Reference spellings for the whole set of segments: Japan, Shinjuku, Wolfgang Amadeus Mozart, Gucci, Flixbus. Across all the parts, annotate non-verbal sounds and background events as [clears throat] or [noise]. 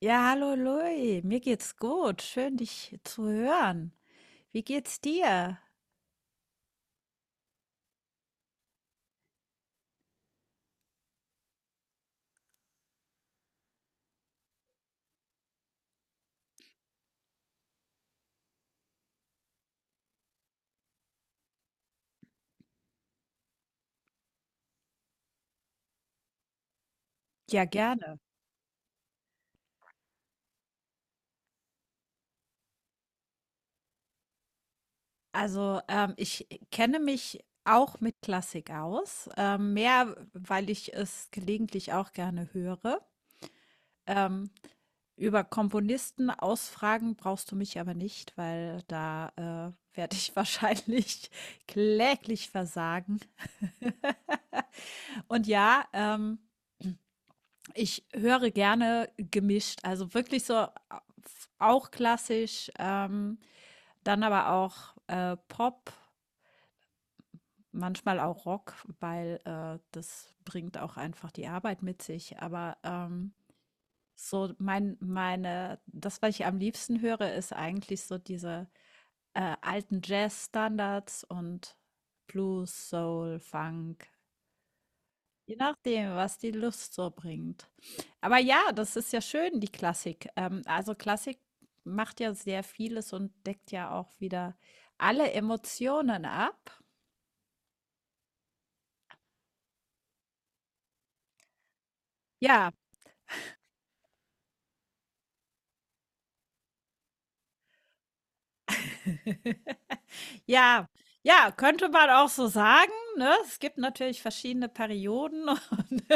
Ja, hallo Louis, mir geht's gut. Schön, dich zu hören. Wie geht's dir? Ja, gerne. Also, ich kenne mich auch mit Klassik aus, mehr, weil ich es gelegentlich auch gerne höre. Ähm, Über Komponisten ausfragen brauchst du mich aber nicht, weil da werde ich [laughs] wahrscheinlich kläglich versagen. [laughs] Und ja, ich höre gerne gemischt, also wirklich so auch klassisch, dann aber auch, Pop, manchmal auch Rock, weil, das bringt auch einfach die Arbeit mit sich. Aber, meine das, was ich am liebsten höre, ist eigentlich so diese, alten standards und Blues, Soul, Funk, je nachdem, was die Lust so bringt. Aber ja, das ist ja schön, die Klassik. Also Klassik macht ja sehr vieles und deckt ja auch wieder alle Emotionen ab. Ja, ja, ja, könnte man auch so sagen, ne? Es gibt natürlich verschiedene Perioden [laughs] und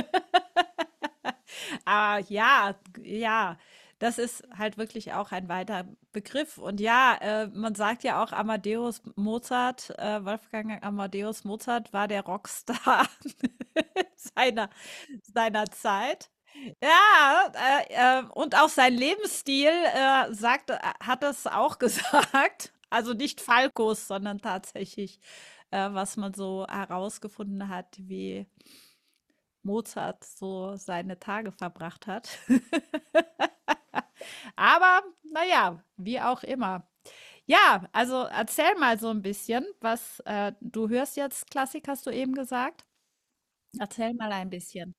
Ja, das ist halt wirklich auch ein weiter Begriff. Und ja, man sagt ja auch Amadeus Mozart Wolfgang Amadeus Mozart war der Rockstar [laughs] seiner seiner Zeit. Ja, und auch sein Lebensstil, sagt hat das auch [laughs] gesagt. Also nicht Falcos, sondern tatsächlich, was man so herausgefunden hat, wie Mozart so seine Tage verbracht hat. Aber naja, wie auch immer. Ja, also erzähl mal so ein bisschen, was du hörst jetzt Klassik, hast du eben gesagt? Erzähl mal ein bisschen.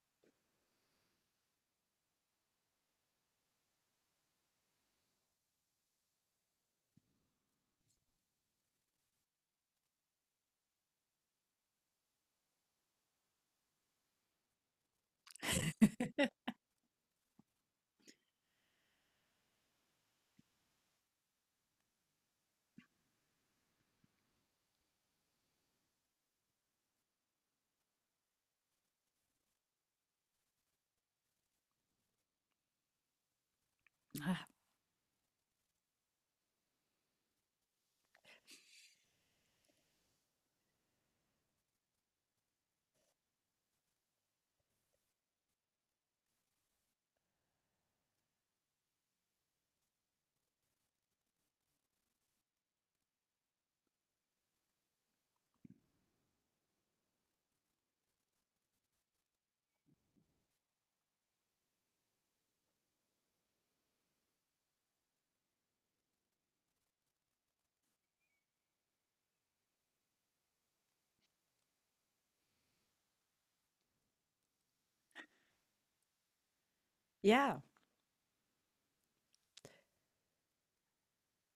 Ja,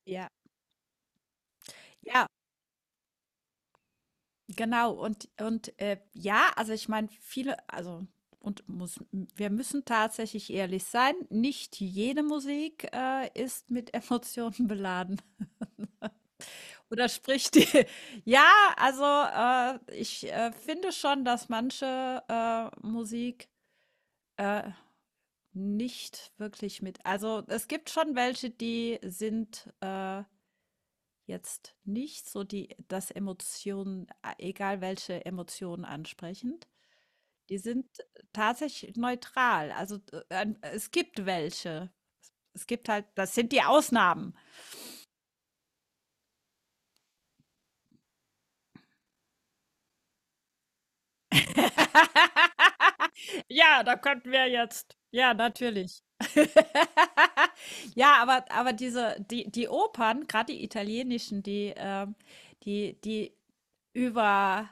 ja, ja, genau. Und ja, also ich meine, viele also und muss wir müssen tatsächlich ehrlich sein, nicht jede Musik, ist mit Emotionen beladen [laughs] oder spricht die [laughs] ja, also, ich finde schon, dass manche, Musik, äh nicht wirklich mit. Also es gibt schon welche, die sind jetzt nicht so die, das Emotionen, egal welche Emotionen ansprechend. Die sind tatsächlich neutral. Also es gibt welche. Es gibt halt, das sind die Ausnahmen. [laughs] Ja, da könnten wir jetzt, ja, natürlich. [laughs] Ja, aber diese die Opern, gerade die italienischen, die, die die über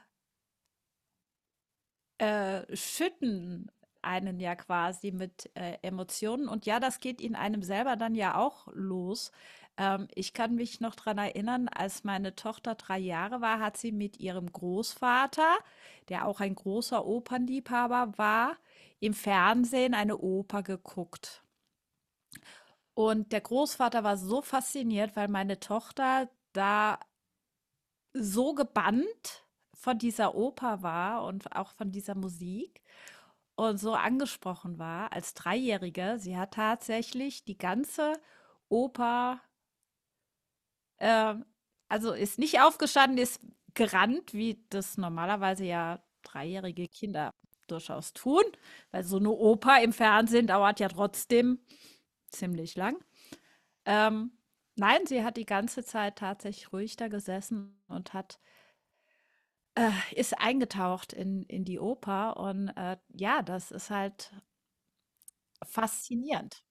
schütten einen ja quasi mit Emotionen. Und ja, das geht in einem selber dann ja auch los. Ich kann mich noch daran erinnern, als meine Tochter 3 Jahre war, hat sie mit ihrem Großvater, der auch ein großer Opernliebhaber war, im Fernsehen eine Oper geguckt. Und der Großvater war so fasziniert, weil meine Tochter da so gebannt von dieser Oper war und auch von dieser Musik, und so angesprochen war als Dreijährige. Sie hat tatsächlich die ganze Oper, ähm, also ist nicht aufgestanden, ist gerannt, wie das normalerweise ja dreijährige Kinder durchaus tun, weil so eine Oper im Fernsehen dauert ja trotzdem ziemlich lang. Ähm, nein, sie hat die ganze Zeit tatsächlich ruhig da gesessen und hat, ist eingetaucht in die Oper und ja, das ist halt faszinierend.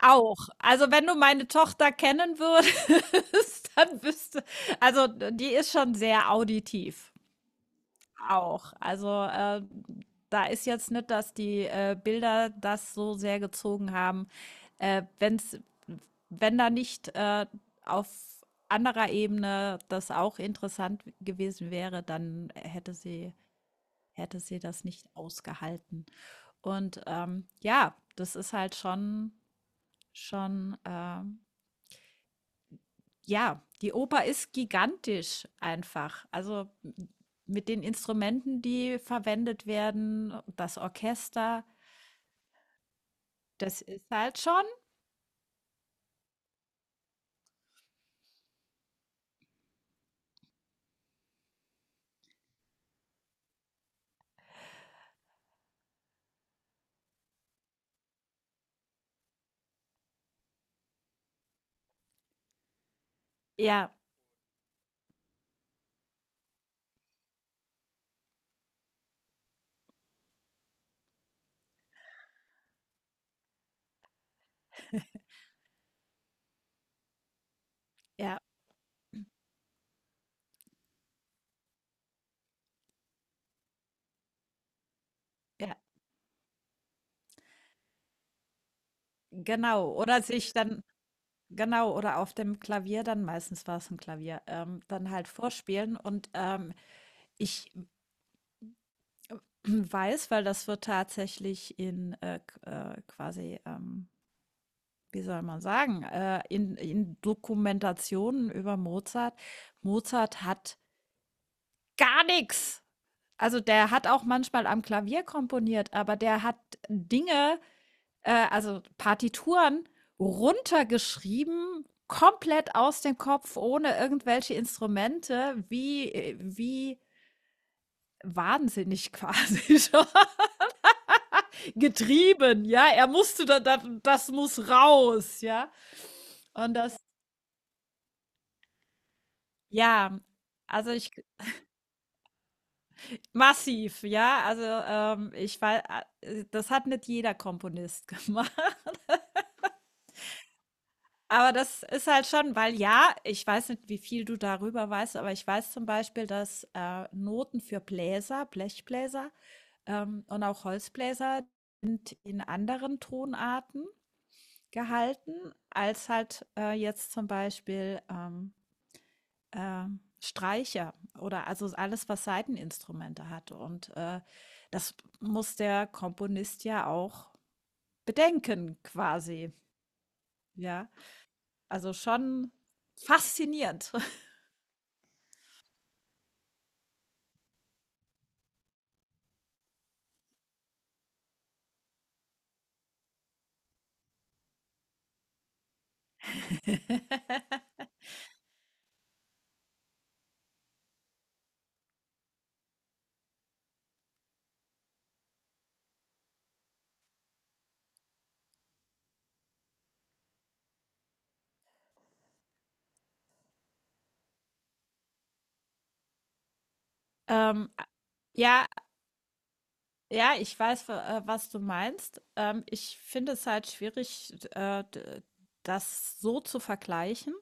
Auch. Also, wenn du meine Tochter kennen würdest, [laughs] dann wüsste, also, die ist schon sehr auditiv auch. Also, da ist jetzt nicht, dass die, Bilder das so sehr gezogen haben, wenn's wenn da nicht, auf anderer Ebene das auch interessant gewesen wäre, dann hätte sie das nicht ausgehalten. Und, ja, das ist halt schon. Ja, die Oper ist gigantisch einfach. Also mit den Instrumenten, die verwendet werden, das Orchester, das ist halt schon. Ja, ja, ja, genau. Oder sich dann, genau, oder auf dem Klavier dann, meistens war es ein Klavier, dann halt vorspielen. Und ich [clears throat] weiß, weil das wird tatsächlich in quasi, wie soll man sagen, in Dokumentationen über Mozart. Mozart hat gar nix. Also, der hat auch manchmal am Klavier komponiert, aber der hat Dinge, also Partituren runtergeschrieben, komplett aus dem Kopf, ohne irgendwelche Instrumente, wie wie wahnsinnig quasi [laughs] schon getrieben, ja? Er musste da, das muss raus, ja? Und das, ja, also ich, massiv, ja? Also, ich wei das hat nicht jeder Komponist [laughs] gemacht. Aber das ist halt schon, weil ja, ich weiß nicht, wie viel du darüber weißt, aber ich weiß zum Beispiel, dass Noten für Bläser, Blechbläser und auch Holzbläser in anderen Tonarten gehalten, als halt jetzt zum Beispiel äh, Streicher oder also alles, was Saiteninstrumente hat. Und das muss der Komponist ja auch bedenken, quasi. Ja, also schon faszinierend. [laughs] [laughs] A ja, ja, ich weiß, w was du meinst. Ich finde es halt schwierig, d das so zu vergleichen.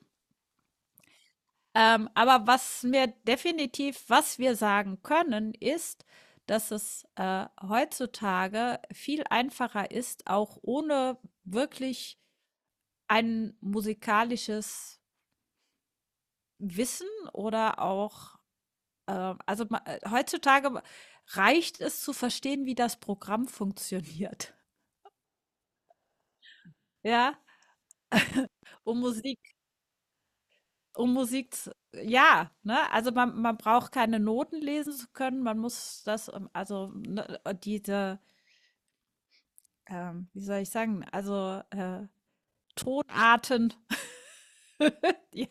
Aber was mir definitiv, was wir sagen können, ist, dass es, heutzutage viel einfacher ist, auch ohne wirklich ein musikalisches Wissen oder auch also, ma heutzutage reicht es zu verstehen, wie das Programm funktioniert, [laughs] ja, um Musik um Musik z ja, ne? Also, man braucht keine Noten lesen zu können, man muss das, also, ne, diese, wie soll ich sagen, also, Tonarten, [laughs] ja,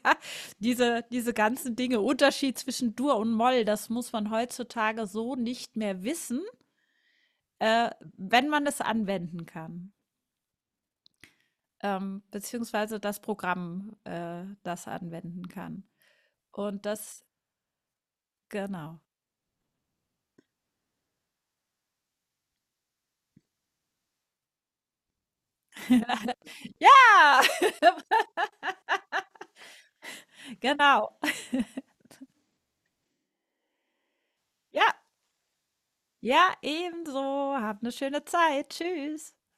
diese ganzen Dinge, Unterschied zwischen Dur und Moll, das muss man heutzutage so nicht mehr wissen, äh, wenn man es anwenden kann. Ähm, beziehungsweise das Programm, das anwenden kann. Und das, genau. Ja. Genau. Ja. Ja, ebenso. Habt eine schöne Zeit. Tschüss.